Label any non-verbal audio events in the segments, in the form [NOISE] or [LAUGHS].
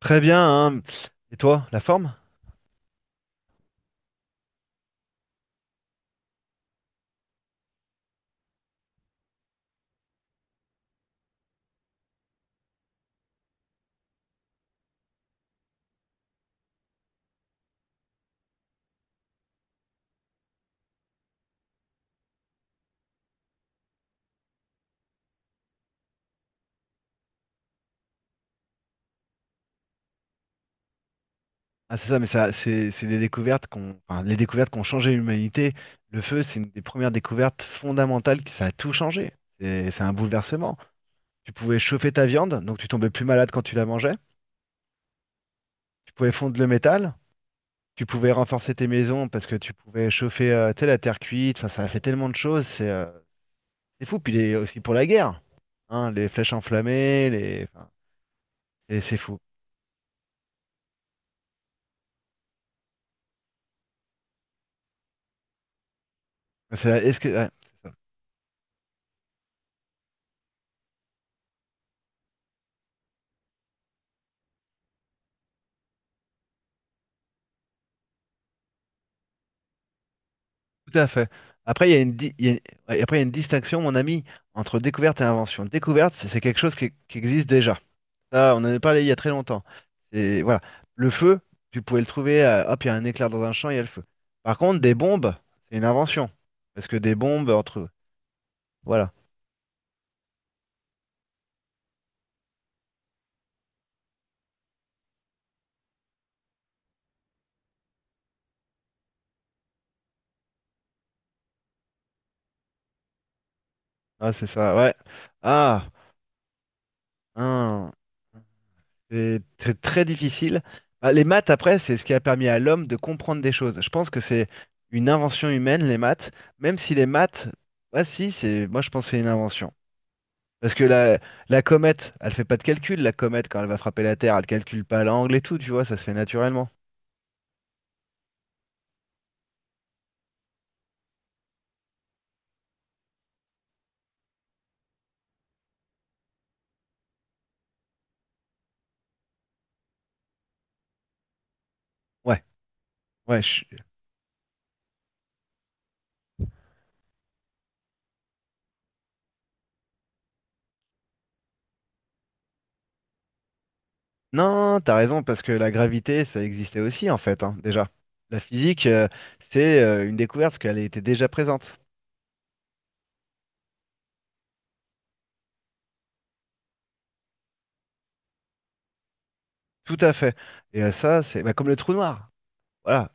Très bien, hein. Et toi, la forme? Ah, c'est ça, mais ça, c'est des découvertes qu'on, enfin, les découvertes qui ont changé l'humanité. Le feu, c'est une des premières découvertes fondamentales qui, ça a tout changé. C'est un bouleversement. Tu pouvais chauffer ta viande, donc tu tombais plus malade quand tu la mangeais. Tu pouvais fondre le métal. Tu pouvais renforcer tes maisons parce que tu pouvais chauffer, tu sais, la terre cuite. Enfin, ça a fait tellement de choses. C'est fou. Puis aussi pour la guerre, hein, les flèches enflammées, les, enfin, c'est fou. Est-ce que, ouais, c'est ça. Tout à fait. Après, il y a ouais, après, il y a une distinction, mon ami, entre découverte et invention. Découverte, c'est quelque chose qui existe déjà. Ça, on en a parlé il y a très longtemps. Et voilà. Le feu, tu pouvais le trouver, hop, il y a un éclair dans un champ, il y a le feu. Par contre, des bombes, c'est une invention. Parce que des bombes, entre... Voilà. Ah, c'est ça, ouais. Ah, hein. C'est très difficile. Ah, les maths, après, c'est ce qui a permis à l'homme de comprendre des choses. Je pense que c'est une invention humaine, les maths, même si les maths, ah si, c'est, moi je pense que c'est une invention. Parce que la comète, elle fait pas de calcul, la comète, quand elle va frapper la Terre, elle calcule pas l'angle et tout, tu vois, ça se fait naturellement. Ouais, ouais, je- non, t'as raison, parce que la gravité, ça existait aussi, en fait, hein, déjà. La physique, c'est une découverte, parce qu'elle était déjà présente. Tout à fait. Et ça, c'est bah, comme le trou noir. Voilà,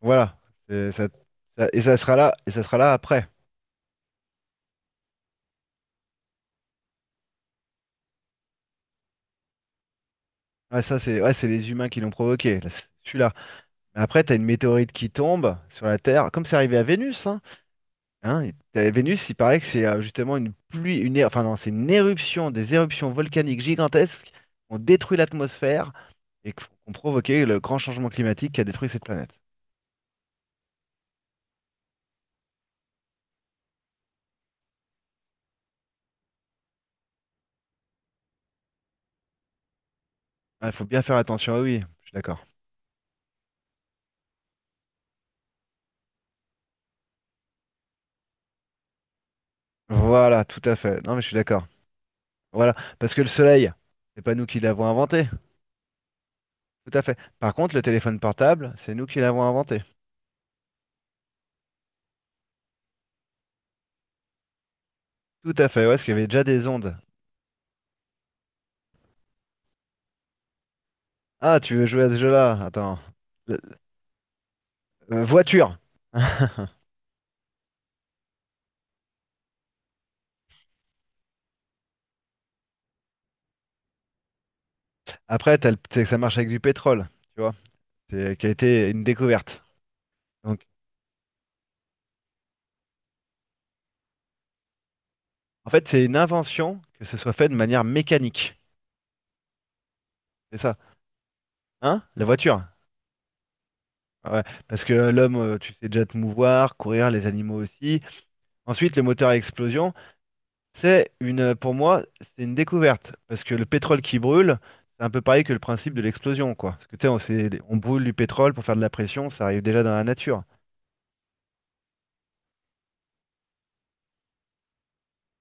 voilà. C'est- ça- et ça sera là, et ça sera là après. Ouais, ça, c'est ouais, c'est les humains qui l'ont provoqué, là, c'est celui-là. Mais après, t'as une météorite qui tombe sur la Terre, comme c'est arrivé à Vénus, hein. Hein, Vénus, il paraît que c'est justement une pluie, une, é- enfin non, c'est une éruption, des éruptions volcaniques gigantesques qui ont détruit l'atmosphère et qui ont provoqué le grand changement climatique qui a détruit cette planète. Il faut bien faire attention, ah oui, je suis d'accord. Voilà, tout à fait. Non, mais je suis d'accord. Voilà, parce que le Soleil, c'est pas nous qui l'avons inventé. Tout à fait. Par contre, le téléphone portable, c'est nous qui l'avons inventé. Tout à fait, ouais, parce qu'il y avait déjà des ondes. Ah, tu veux jouer à ce jeu-là? Attends. Euh, voiture. [LAUGHS] Après, c'est que ça marche avec du pétrole, tu vois, c'est, qui a été une découverte. Donc, en fait, c'est une invention que ce soit fait de manière mécanique. C'est ça. Hein? La voiture. Ouais. Parce que l'homme, tu sais déjà te mouvoir, courir, les animaux aussi. Ensuite, le moteur à explosion. Pour moi, c'est une découverte. Parce que le pétrole qui brûle, c'est un peu pareil que le principe de l'explosion, quoi. Parce que tu sais, on brûle du pétrole pour faire de la pression, ça arrive déjà dans la nature.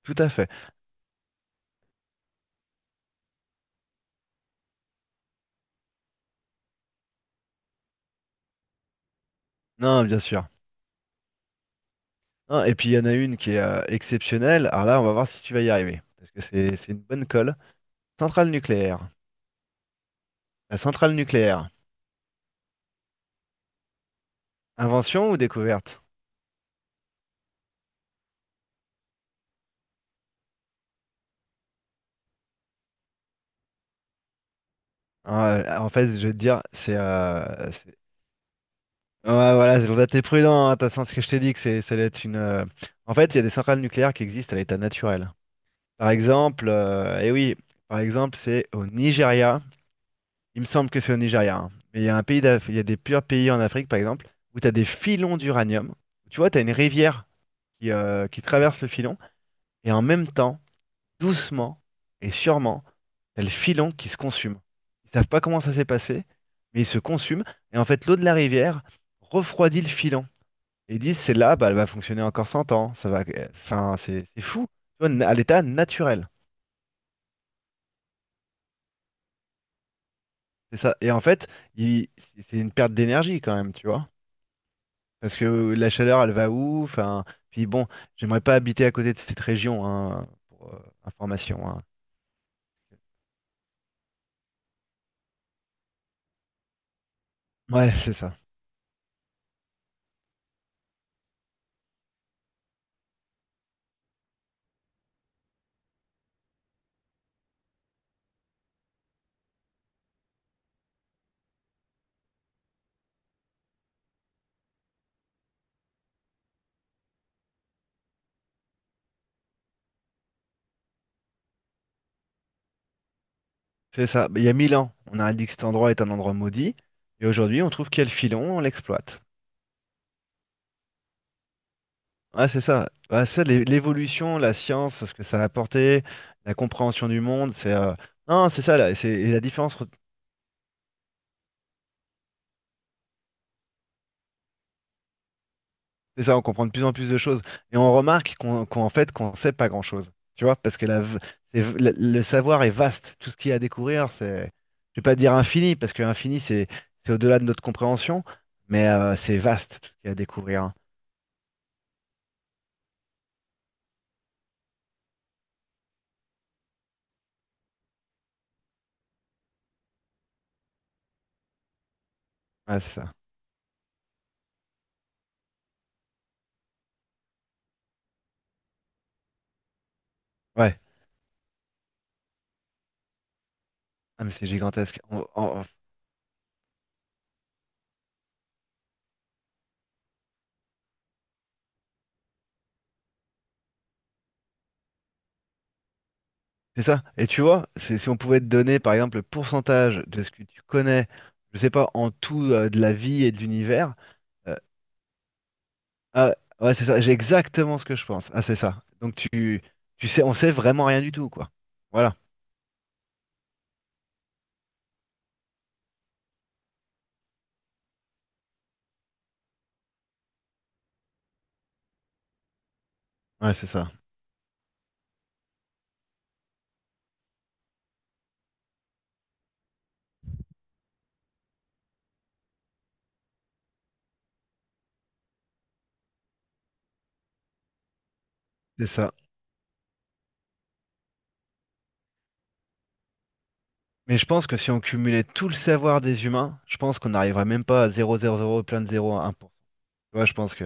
Tout à fait. Non, bien sûr. Non, et puis il y en a une qui est exceptionnelle. Alors là, on va voir si tu vas y arriver. Parce que c'est une bonne colle. Centrale nucléaire. La centrale nucléaire. Invention ou découverte? Ah, en fait, je vais te dire, ouais, voilà, c'est pour ça que t'es prudent, hein, t'as senti ce que je t'ai dit, que c'est, ça allait être une... En fait, il y a des centrales nucléaires qui existent à l'état naturel. Par exemple, et oui, par exemple, c'est au Nigeria. Il me semble que c'est au Nigeria, hein. Mais il y a il y a des purs pays en Afrique, par exemple, où tu as des filons d'uranium. Tu vois, tu as une rivière qui traverse le filon, et en même temps, doucement et sûrement, t'as le filon qui se consume. Ils savent pas comment ça s'est passé, mais il se consume. Et en fait, l'eau de la rivière refroidit le filon. Et ils disent, c'est là, bah, elle va fonctionner encore 100 ans. Ça va... Enfin, c'est fou. Tu vois, à l'état naturel. C'est ça. Et en fait, il- c'est une perte d'énergie quand même, tu vois. Parce que la chaleur, elle va où? Enfin, puis bon, j'aimerais pas habiter à côté de cette région, hein, pour information, hein. Ouais, c'est ça. C'est ça. Il y a 1000 ans, on a dit que cet endroit est un endroit maudit. Et aujourd'hui, on trouve qu'il y a le filon, on l'exploite. Ouais, c'est ça. Ouais, ça, l'évolution, la science, ce que ça a apporté, la compréhension du monde, c'est... Non, c'est ça, là. C'est et la différence... C'est ça, on comprend de plus en plus de choses. Et on remarque qu'on, qu'en fait, qu'on sait pas grand-chose. Tu vois, parce que la, v- c'est v- la- le savoir est vaste. Tout ce qu'il y a à découvrir, c'est, je vais pas dire infini, parce que infini, c'est au-delà de notre compréhension, mais c'est vaste tout ce qu'il y a à découvrir. Ouais, c'est ça. Ouais, ah, mais c'est gigantesque. C'est ça. Et tu vois, c'est, si on pouvait te donner, par exemple, le pourcentage de ce que tu connais, je sais pas, en tout de la vie et de l'univers, euh, ah, ouais, c'est ça, j'ai exactement ce que je pense. Ah, c'est ça. Donc tu sais, on sait vraiment rien du tout, quoi. Voilà. Ouais, c'est ça. C'est ça. Mais je pense que si on cumulait tout le savoir des humains, je pense qu'on n'arriverait même pas à zéro zéro zéro plein de zéro à 1%. Tu vois, je pense que...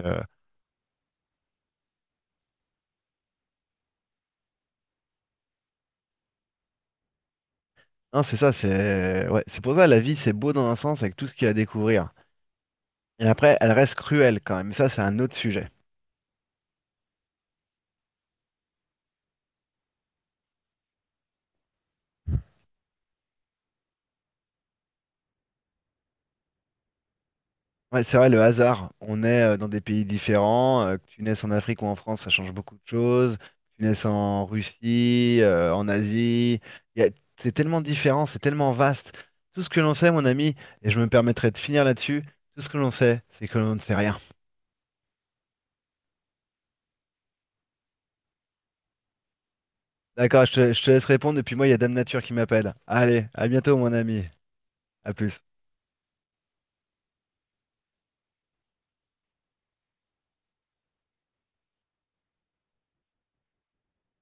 Non, c'est ça, c'est... Ouais, c'est pour ça la vie, c'est beau dans un sens avec tout ce qu'il y a à découvrir. Et après, elle reste cruelle quand même. Ça, c'est un autre sujet. Ouais, c'est vrai, le hasard. On est dans des pays différents, que tu naisses en Afrique ou en France, ça change beaucoup de choses. Que tu naisses en Russie, en Asie. Il y a- C'est tellement différent, c'est tellement vaste. Tout ce que l'on sait, mon ami, et je me permettrai de finir là-dessus, tout ce que l'on sait, c'est que l'on ne sait rien. D'accord, je te laisse répondre, et puis moi, il y a Dame Nature qui m'appelle. Allez, à bientôt, mon ami. À plus.